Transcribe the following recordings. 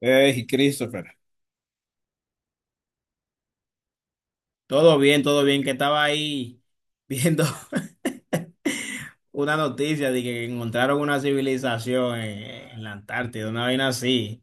Hey, Christopher. Todo bien, que estaba ahí viendo una noticia de que encontraron una civilización en la Antártida, una vaina así.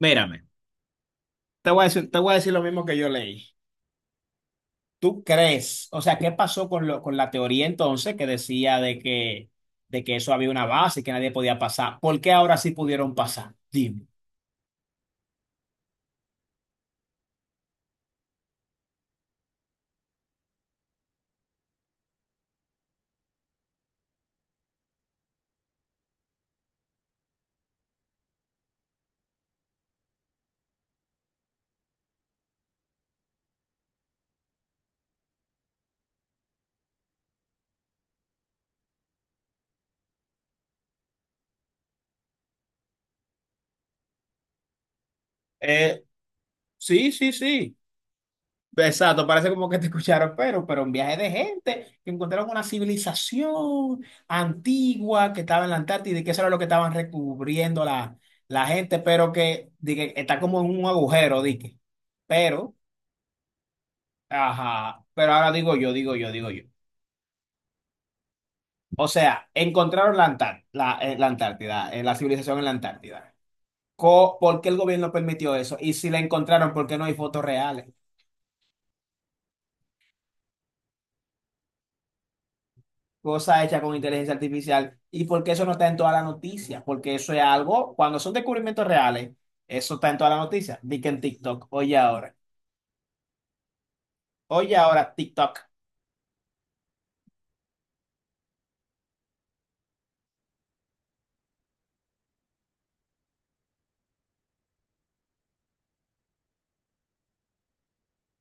Mírame, te voy a decir lo mismo que yo leí. ¿Tú crees? O sea, ¿qué pasó con la teoría entonces que decía de que eso había una base y que nadie podía pasar? ¿Por qué ahora sí pudieron pasar? Dime. Eh, sí, sí, sí. Exacto, parece como que te escucharon, pero un viaje de gente que encontraron una civilización antigua que estaba en la Antártida y que eso era lo que estaban recubriendo la gente, di que está como en un agujero, dije. Pero, ajá, pero ahora digo yo. O sea, encontraron la Antártida, la civilización en la Antártida. ¿Por qué el gobierno permitió eso? Y si la encontraron, ¿por qué no hay fotos reales? Cosa hecha con inteligencia artificial, y ¿por qué eso no está en todas las noticias? Porque eso es algo, cuando son descubrimientos reales, eso está en todas las noticias. Di que en TikTok, oye ahora TikTok.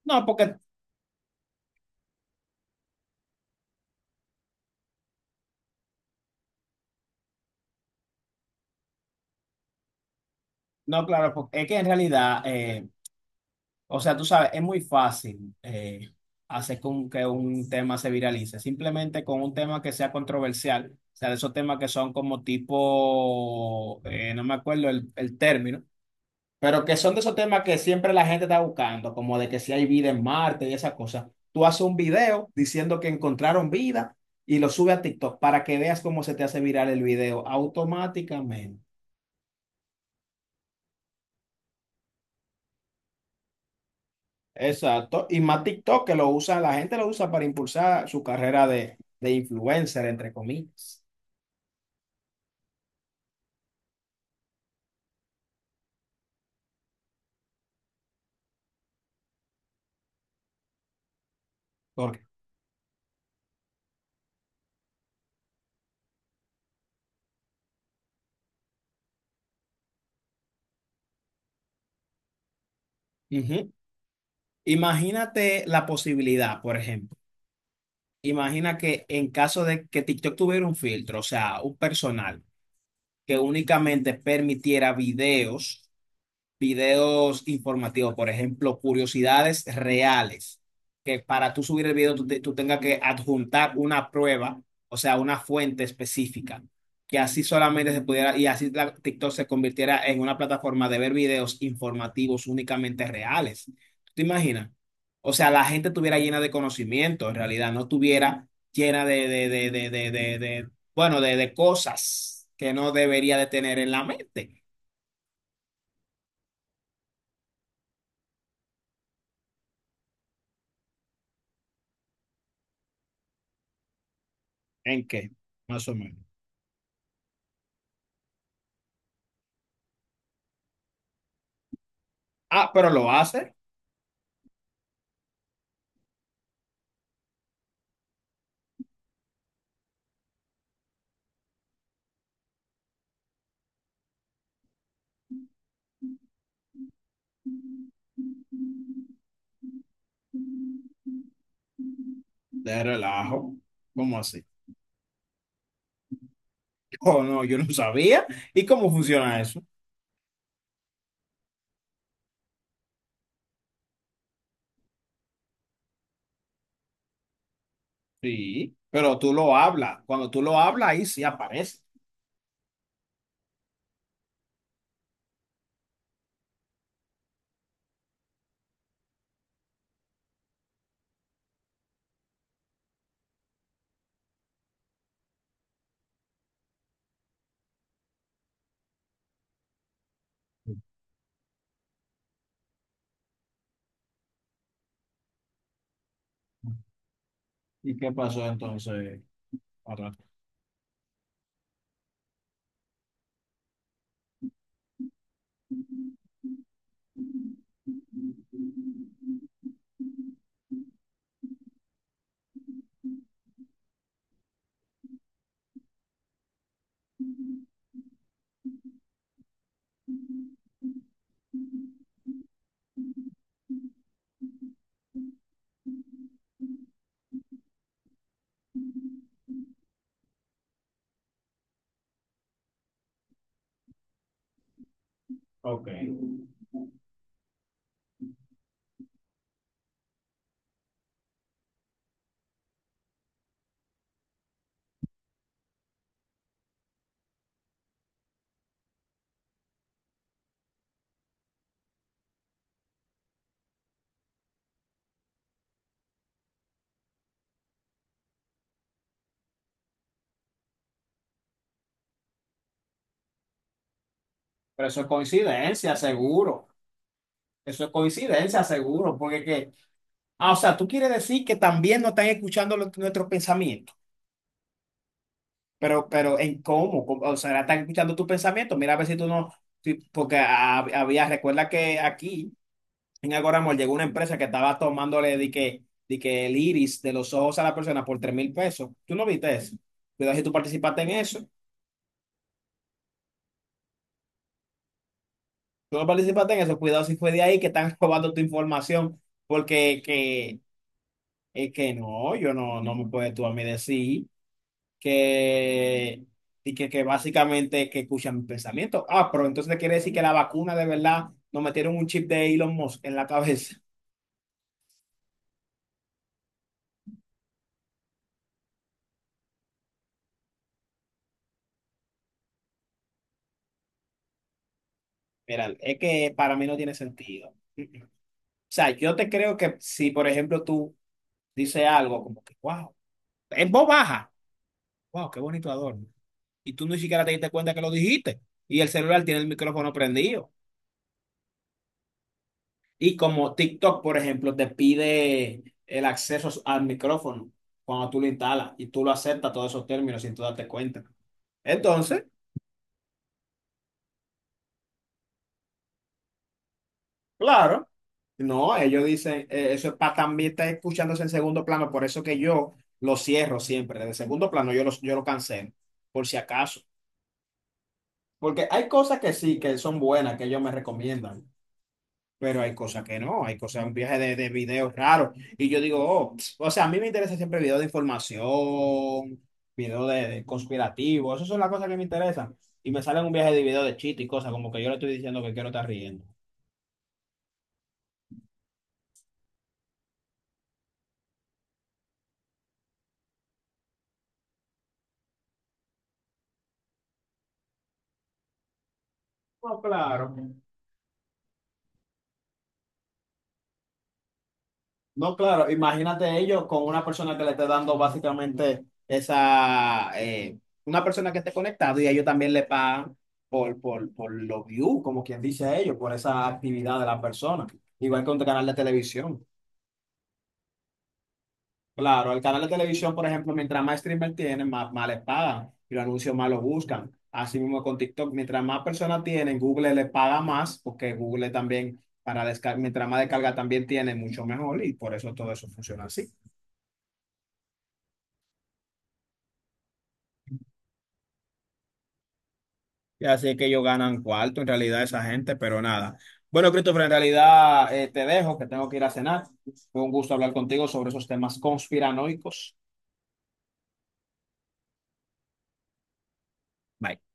No, porque, no, claro, porque es que en realidad, o sea, tú sabes, es muy fácil hacer con que un tema se viralice, simplemente con un tema que sea controversial. O sea, de esos temas que son como tipo, no me acuerdo el término. Pero que son de esos temas que siempre la gente está buscando, como de que si hay vida en Marte y esas cosas. Tú haces un video diciendo que encontraron vida y lo subes a TikTok para que veas cómo se te hace viral el video automáticamente. Exacto. Y más TikTok que lo usa, la gente lo usa para impulsar su carrera de influencer, entre comillas. Porque, ujú. Imagínate la posibilidad, por ejemplo. Imagina que en caso de que TikTok tuviera un filtro, o sea, un personal. Que únicamente permitiera videos informativos, por ejemplo, curiosidades reales, que para tú subir el video tú tengas que adjuntar una prueba, o sea, una fuente específica, que así solamente se pudiera, y así TikTok se convirtiera en una plataforma de ver videos informativos únicamente reales. ¿Tú te imaginas? O sea, la gente estuviera llena de conocimiento, en realidad, no estuviera llena bueno, de cosas que no debería de tener en la mente. ¿En qué? Más o menos. Ah, pero lo hace de relajo. ¿Cómo así? Oh, no, yo no sabía. ¿Y cómo funciona eso? Sí, pero tú lo hablas. Cuando tú lo hablas, ahí sí aparece. ¿Y qué pasó entonces? Otra- Ok. Pero eso es coincidencia, seguro. Eso es coincidencia, seguro. O sea, tú quieres decir que también no están escuchando nuestros pensamientos. ¿En cómo? ¿Cómo? O sea, están escuchando tus pensamientos. Mira a ver si tú no. Porque había, recuerda que aquí. En Agora Mall llegó una empresa que estaba tomándole de que el iris de los ojos a la persona por 3,000 pesos. ¿Tú no viste eso? Cuidado si tú participaste en eso. Tú no participaste en eso. Cuidado si fue de ahí que están robando tu información. Porque que, es que no, yo no, no me puedes tú a mí decir que, que básicamente que escuchan mis pensamientos. Ah, pero entonces quiere decir que la vacuna de verdad nos metieron un chip de Elon Musk en la cabeza. Mira, es que para mí no tiene sentido. Mm, mm. O sea, yo te creo que si, por ejemplo, tú dices algo como que, wow, en voz baja, wow, qué bonito adorno. Y tú ni siquiera te diste cuenta que lo dijiste. Y el celular tiene el micrófono prendido. Y como TikTok, por ejemplo, te pide el acceso al micrófono cuando tú lo instalas y tú lo aceptas todos esos términos sin tú darte cuenta. Entonces, claro, no, ellos dicen, eso es para también estar escuchándose en segundo plano, por eso que yo lo cierro siempre, desde segundo plano yo lo cancelo, por si acaso. Porque hay cosas que sí, que son buenas, que ellos me recomiendan, pero hay cosas que no, hay cosas, un viaje de videos raros. Y yo digo, oh, o sea, a mí me interesa siempre videos de información, videos de conspirativos, esas son las cosas que me interesan. Y me salen un viaje de videos de chiste y cosas, como que yo le estoy diciendo que quiero estar riendo. No, claro. No, claro, imagínate ellos con una persona que le esté dando básicamente esa, una persona que esté conectado y ellos también le pagan por los views, como quien dice ellos, por esa actividad de la persona. Igual que un canal de televisión. Claro, el canal de televisión, por ejemplo, mientras más streamer tienen, más les pagan y los anuncios más los buscan. Así mismo con TikTok, mientras más personas tienen, Google les paga más porque Google también, para descargar, mientras más descarga también tiene, mucho mejor y por eso todo eso funciona así. Así es que ellos ganan cuarto en realidad esa gente, pero nada. Bueno, Christopher, en realidad te dejo, que tengo que ir a cenar. Fue un gusto hablar contigo sobre esos temas conspiranoicos. Bye.